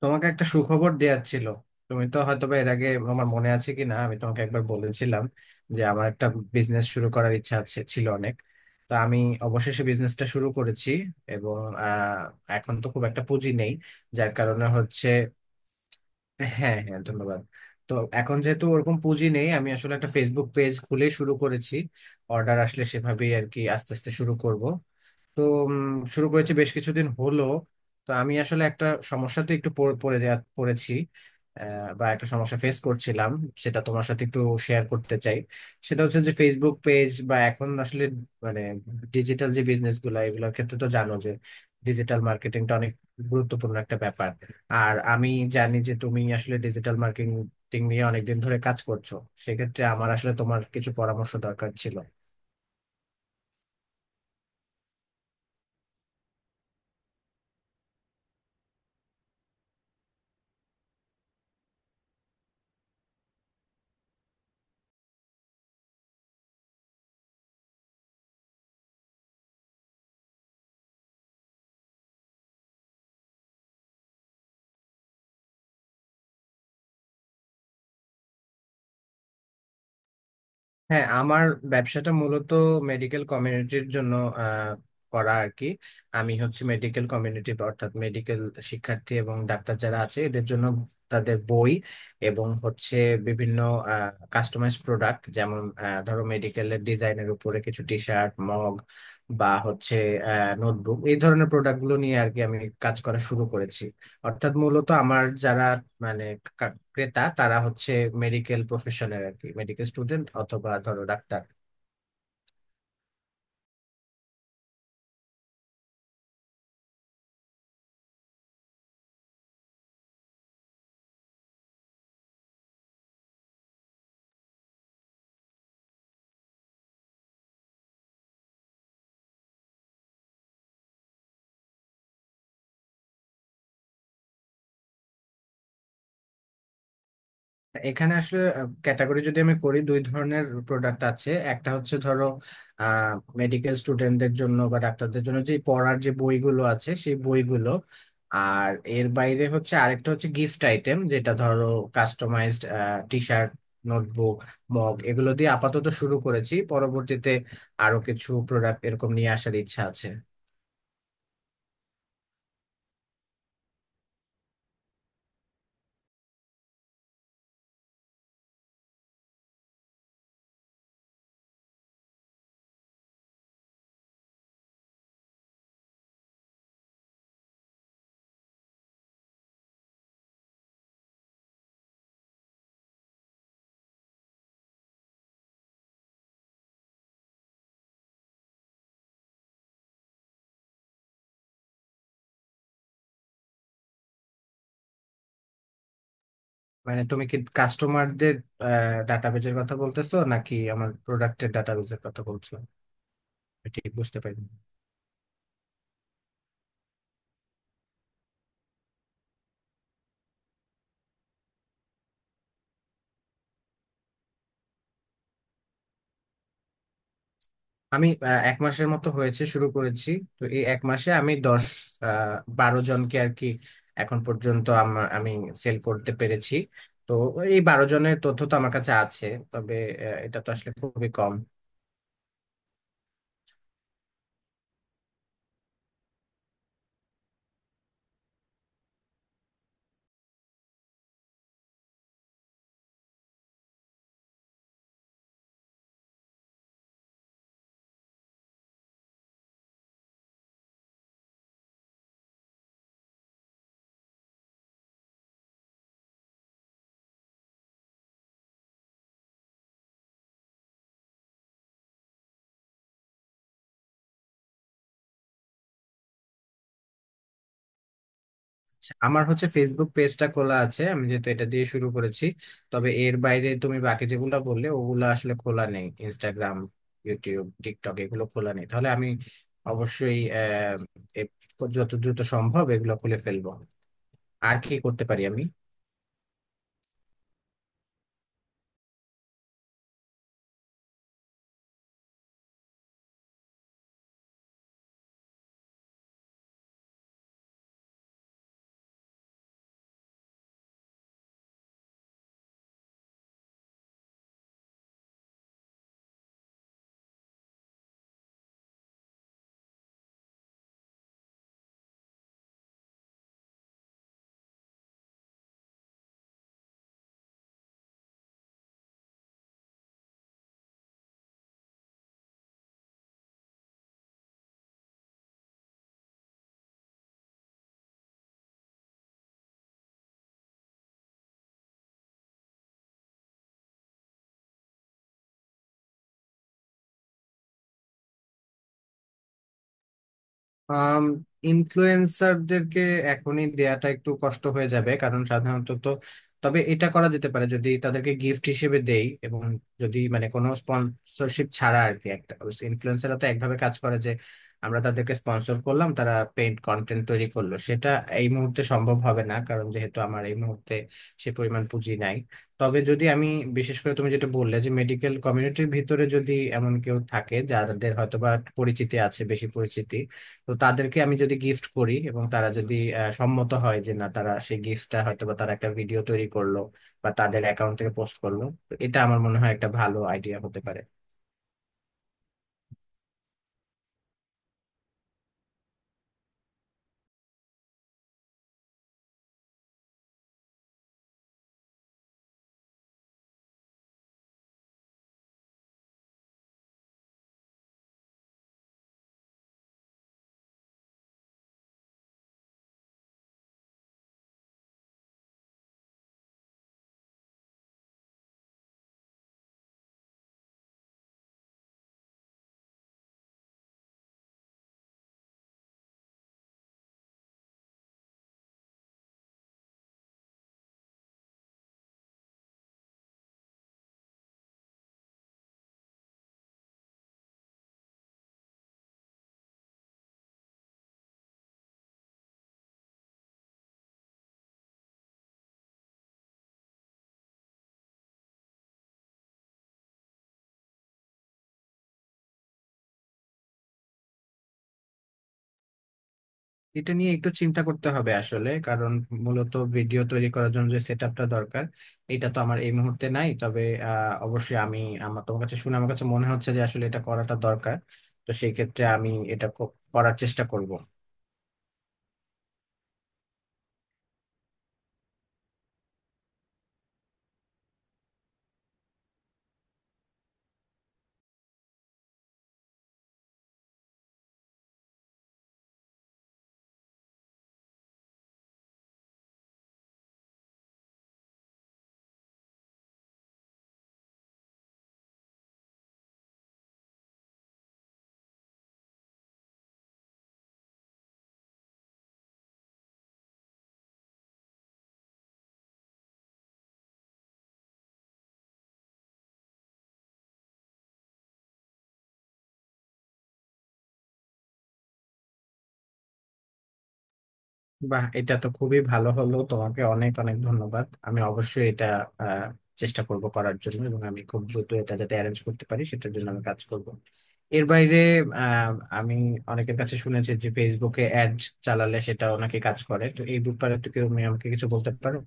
তোমাকে একটা সুখবর দেওয়ার ছিল। তুমি তো হয়তোবা এর আগে, আমার মনে আছে কি না, আমি তোমাকে একবার বলেছিলাম যে আমার একটা বিজনেস শুরু করার ইচ্ছা আছে ছিল অনেক। তো আমি অবশেষে বিজনেসটা শুরু করেছি, এবং আহ, এখন তো খুব একটা পুঁজি নেই, যার কারণে হচ্ছে। হ্যাঁ, হ্যাঁ, ধন্যবাদ। তো এখন যেহেতু ওরকম পুঁজি নেই, আমি আসলে একটা ফেসবুক পেজ খুলে শুরু করেছি। অর্ডার আসলে সেভাবেই আর কি আস্তে আস্তে শুরু করব। তো উম, শুরু করেছি বেশ কিছুদিন হলো। তো আমি আসলে একটা সমস্যাতে একটু পড়ে পড়ে যা পড়েছি, বা একটা সমস্যা ফেস করছিলাম, সেটা তোমার সাথে একটু শেয়ার করতে চাই। সেটা হচ্ছে যে ফেসবুক পেজ বা এখন আসলে মানে ডিজিটাল যে বিজনেস গুলো, এগুলোর ক্ষেত্রে তো জানো যে ডিজিটাল মার্কেটিংটা অনেক গুরুত্বপূর্ণ একটা ব্যাপার। আর আমি জানি যে তুমি আসলে ডিজিটাল মার্কেটিং নিয়ে অনেকদিন ধরে কাজ করছো। সেক্ষেত্রে আমার আসলে তোমার কিছু পরামর্শ দরকার ছিল। হ্যাঁ, আমার ব্যবসাটা মূলত মেডিকেল কমিউনিটির জন্য আহ, করা আর কি। আমি হচ্ছে মেডিকেল কমিউনিটি, অর্থাৎ মেডিকেল শিক্ষার্থী এবং ডাক্তার যারা আছে এদের জন্য তাদের বই এবং হচ্ছে বিভিন্ন কাস্টমাইজ প্রোডাক্ট, যেমন ধরো মেডিকেলের ডিজাইনের উপরে কিছু টি শার্ট, মগ, বা হচ্ছে নোটবুক, এই ধরনের প্রোডাক্টগুলো নিয়ে আর কি আমি কাজ করা শুরু করেছি। অর্থাৎ মূলত আমার যারা মানে ক্রেতা তারা হচ্ছে মেডিকেল প্রফেশনের আর কি, মেডিকেল স্টুডেন্ট অথবা ধরো ডাক্তার। এখানে আসলে ক্যাটাগরি যদি আমি করি, দুই ধরনের প্রোডাক্ট আছে। একটা হচ্ছে ধরো আহ মেডিকেল স্টুডেন্টদের জন্য বা ডাক্তারদের জন্য যে পড়ার যে বইগুলো আছে, সেই বইগুলো। আর এর বাইরে হচ্ছে আরেকটা হচ্ছে গিফট আইটেম, যেটা ধরো customized T shirt, notebook, mug, এগুলো দিয়ে আপাতত শুরু করেছি। পরবর্তীতে আরো কিছু প্রোডাক্ট এরকম নিয়ে আসার ইচ্ছা আছে। মানে তুমি কি কাস্টমারদের ডাটাবেজের কথা বলতেছো, নাকি আমার প্রোডাক্টের ডাটাবেজের কথা বলছো? আমি ঠিক বুঝতে পারি। আমি এক মাসের মতো হয়েছে শুরু করেছি। তো এই এক মাসে আমি দশ, 12 জনকে আর কি এখন পর্যন্ত আমার আমি সেল করতে পেরেছি। তো এই 12 জনের তথ্য তো আমার কাছে আছে, তবে এটা তো আসলে খুবই কম। আমার হচ্ছে ফেসবুক পেজটা খোলা আছে, আমি যেহেতু এটা দিয়ে শুরু করেছি। তবে এর বাইরে তুমি বাকি যেগুলো বললে ওগুলো আসলে খোলা নেই। ইনস্টাগ্রাম, ইউটিউব, টিকটক, এগুলো খোলা নেই। তাহলে আমি অবশ্যই এ- যত দ্রুত সম্ভব এগুলো খুলে ফেলবো। আর কি করতে পারি আমি? আম ইনফ্লুয়েন্সারদেরকে এখনই দেয়াটা একটু কষ্ট হয়ে যাবে, কারণ সাধারণত তো। তবে এটা করা যেতে পারে যদি তাদেরকে গিফট হিসেবে দেই এবং যদি মানে কোনো স্পন্সরশিপ ছাড়া আর কি একটা। ইনফ্লুয়েন্সাররা তো একভাবে কাজ করে যে আমরা তাদেরকে স্পন্সর করলাম, তারা পেইড কন্টেন্ট তৈরি করলো, সেটা এই মুহূর্তে সম্ভব হবে না, কারণ যেহেতু আমার এই মুহূর্তে সে পরিমাণ পুঁজি নাই। তবে যদি আমি, বিশেষ করে তুমি যেটা বললে, যে মেডিকেল কমিউনিটির ভিতরে যদি এমন কেউ থাকে যাদের হয়তোবা পরিচিতি আছে, বেশি পরিচিতি, তো তাদেরকে আমি যদি গিফট করি এবং তারা যদি সম্মত হয় যে না, তারা সেই গিফটটা হয়তো বা তারা একটা ভিডিও তৈরি করলো বা তাদের অ্যাকাউন্ট থেকে পোস্ট করলো, তো এটা আমার মনে হয় একটা ভালো আইডিয়া হতে পারে। এটা নিয়ে একটু চিন্তা করতে হবে আসলে, কারণ মূলত ভিডিও তৈরি করার জন্য যে সেট আপটা দরকার, এটা তো আমার এই মুহূর্তে নাই। তবে অবশ্যই আমি, আমার তোমার কাছে শুনে আমার কাছে মনে হচ্ছে যে আসলে এটা করাটা দরকার। তো সেই ক্ষেত্রে আমি এটা করার চেষ্টা করব। বাহ, এটা তো খুবই ভালো হলো। তোমাকে অনেক অনেক ধন্যবাদ। আমি অবশ্যই এটা আহ, চেষ্টা করব করার জন্য, এবং আমি খুব দ্রুত এটা যাতে অ্যারেঞ্জ করতে পারি সেটার জন্য আমি কাজ করব। এর বাইরে, আহ, আমি অনেকের কাছে শুনেছি যে ফেসবুকে অ্যাড চালালে সেটাও নাকি কাজ করে। তো এই ব্যাপারে তো কেউ তুমি আমাকে কিছু বলতে পারো?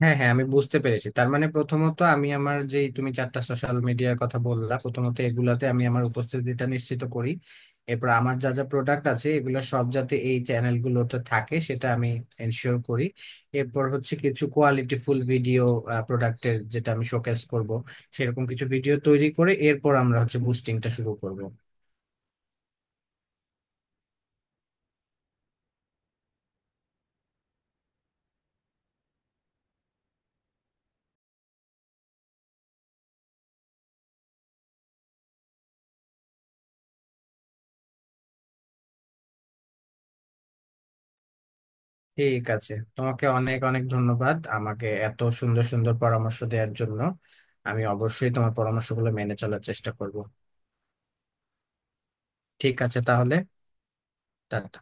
হ্যাঁ, হ্যাঁ, আমি বুঝতে পেরেছি। তার মানে প্রথমত আমি আমার, যে তুমি চারটা সোশ্যাল মিডিয়ার কথা বললা, প্রথমত এগুলাতে আমি আমার উপস্থিতিটা নিশ্চিত করি। এরপর আমার যা যা প্রোডাক্ট আছে এগুলো সব যাতে এই চ্যানেলগুলোতে থাকে সেটা আমি এনশিওর করি। এরপর হচ্ছে কিছু কোয়ালিটিফুল ভিডিও, প্রোডাক্টের যেটা আমি শোকেস করব, সেরকম কিছু ভিডিও তৈরি করে এরপর আমরা হচ্ছে বুস্টিংটা শুরু করব। ঠিক আছে, তোমাকে অনেক অনেক ধন্যবাদ আমাকে এত সুন্দর সুন্দর পরামর্শ দেওয়ার জন্য। আমি অবশ্যই তোমার পরামর্শগুলো মেনে চলার চেষ্টা করব। ঠিক আছে তাহলে, টাটা।